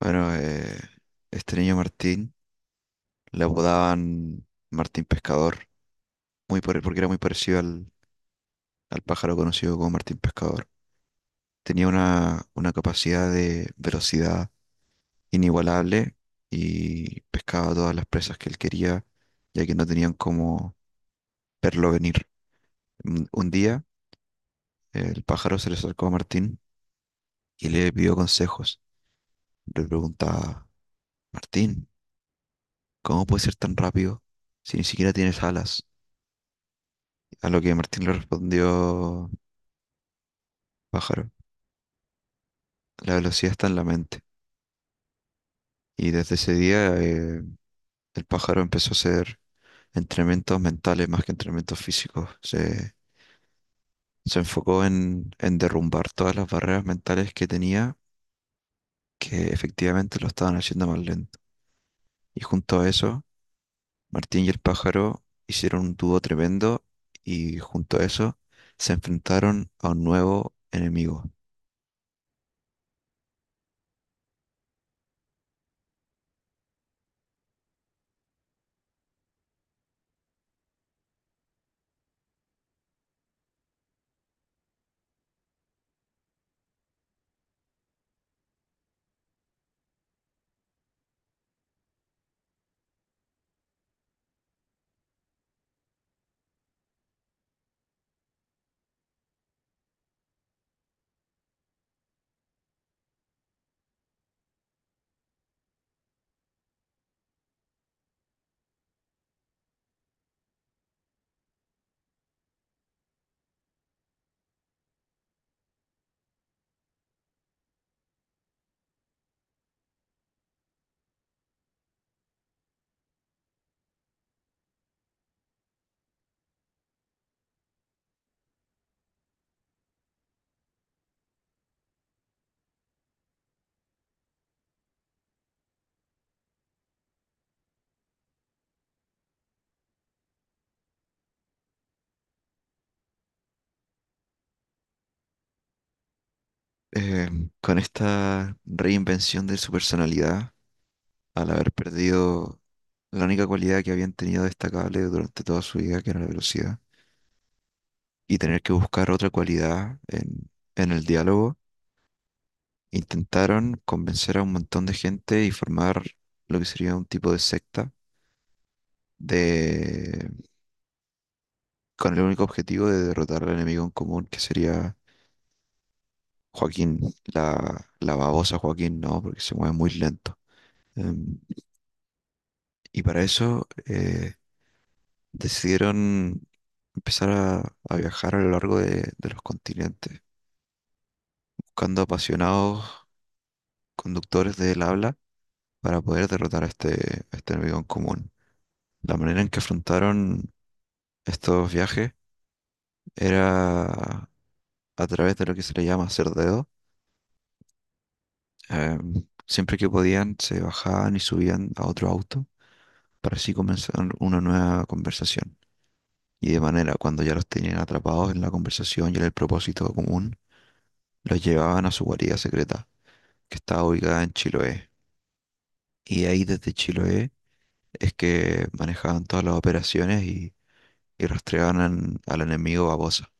Bueno, este niño Martín le apodaban Martín Pescador, porque era muy parecido al pájaro conocido como Martín Pescador. Tenía una capacidad de velocidad inigualable y pescaba todas las presas que él quería, ya que no tenían cómo verlo venir. Un día, el pájaro se le acercó a Martín y le pidió consejos. Le preguntaba, Martín, ¿cómo puedes ser tan rápido si ni siquiera tienes alas? A lo que Martín le respondió: Pájaro, la velocidad está en la mente. Y desde ese día el pájaro empezó a hacer entrenamientos mentales más que entrenamientos físicos. Se enfocó en derrumbar todas las barreras mentales que tenía, que efectivamente lo estaban haciendo más lento. Y junto a eso, Martín y el pájaro hicieron un dúo tremendo, y junto a eso se enfrentaron a un nuevo enemigo. Eh, con esta reinvención de su personalidad, al haber perdido la única cualidad que habían tenido destacable durante toda su vida, que era la velocidad, y tener que buscar otra cualidad en el diálogo, intentaron convencer a un montón de gente y formar lo que sería un tipo de secta de, con el único objetivo de derrotar al enemigo en común, que sería Joaquín, la babosa Joaquín, ¿no? Porque se mueve muy lento. Em, y para eso decidieron empezar a viajar a lo largo de los continentes, buscando apasionados conductores del habla para poder derrotar a a este enemigo en común. La manera en que afrontaron estos viajes era a través de lo que se le llama hacer dedo. Em, Siempre que podían, se bajaban y subían a otro auto para así comenzar una nueva conversación. Y de manera, cuando ya los tenían atrapados en la conversación y en el propósito común, los llevaban a su guarida secreta, que estaba ubicada en Chiloé. Y de ahí, desde Chiloé, es que manejaban todas las operaciones y rastreaban al enemigo a Bosa.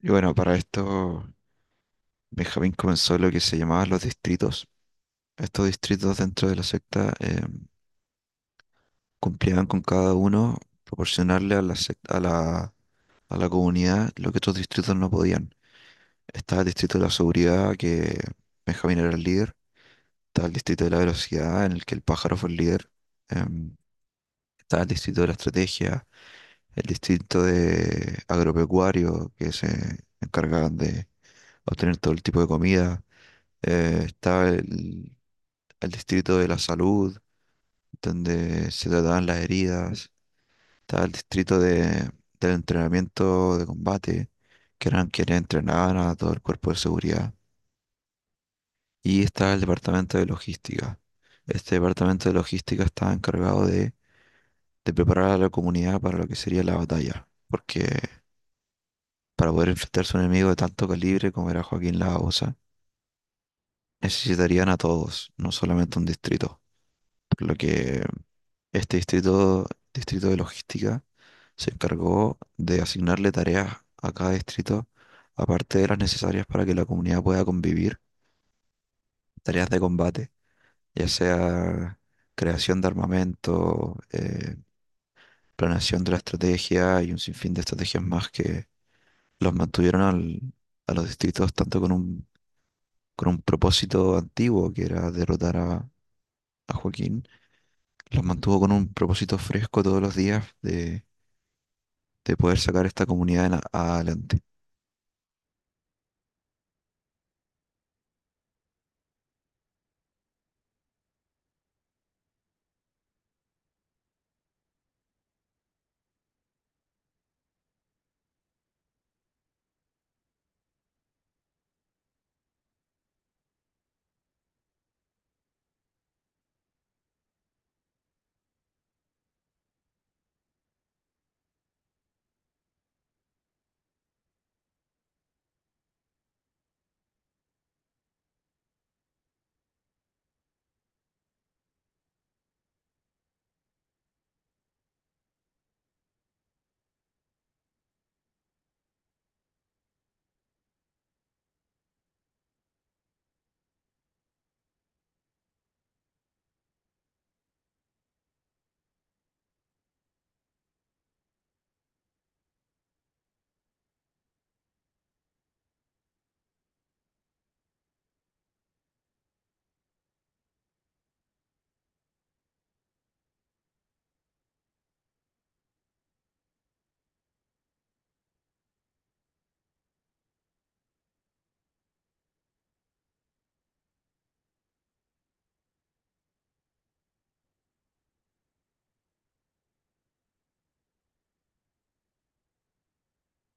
Y bueno, para esto Benjamín comenzó lo que se llamaban los distritos. Estos distritos dentro de la secta cumplían con cada uno proporcionarle a a a la comunidad lo que otros distritos no podían. Estaba el distrito de la seguridad, que Benjamín era el líder. Estaba el distrito de la velocidad, en el que el pájaro fue el líder. Em, Estaba el distrito de la estrategia, el distrito de agropecuario, que se encargan de obtener todo el tipo de comida. Está el distrito de la salud, donde se trataban las heridas. Está el distrito del entrenamiento de combate, que eran quienes entrenaban a todo el cuerpo de seguridad. Y está el departamento de logística. Este departamento de logística estaba encargado de preparar a la comunidad para lo que sería la batalla, porque para poder enfrentarse a un enemigo de tanto calibre como era Joaquín Lagosa, necesitarían a todos, no solamente un distrito. Por lo que este distrito, distrito de logística, se encargó de asignarle tareas a cada distrito, aparte de las necesarias para que la comunidad pueda convivir, tareas de combate, ya sea creación de armamento, planeación de la estrategia y un sinfín de estrategias más que los mantuvieron a los distritos tanto con un propósito antiguo, que era derrotar a Joaquín. Los mantuvo con un propósito fresco todos los días de poder sacar esta comunidad en adelante.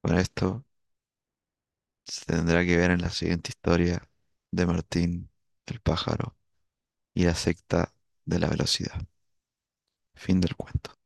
Bueno, esto se tendrá que ver en la siguiente historia de Martín, el pájaro y la secta de la velocidad. Fin del cuento.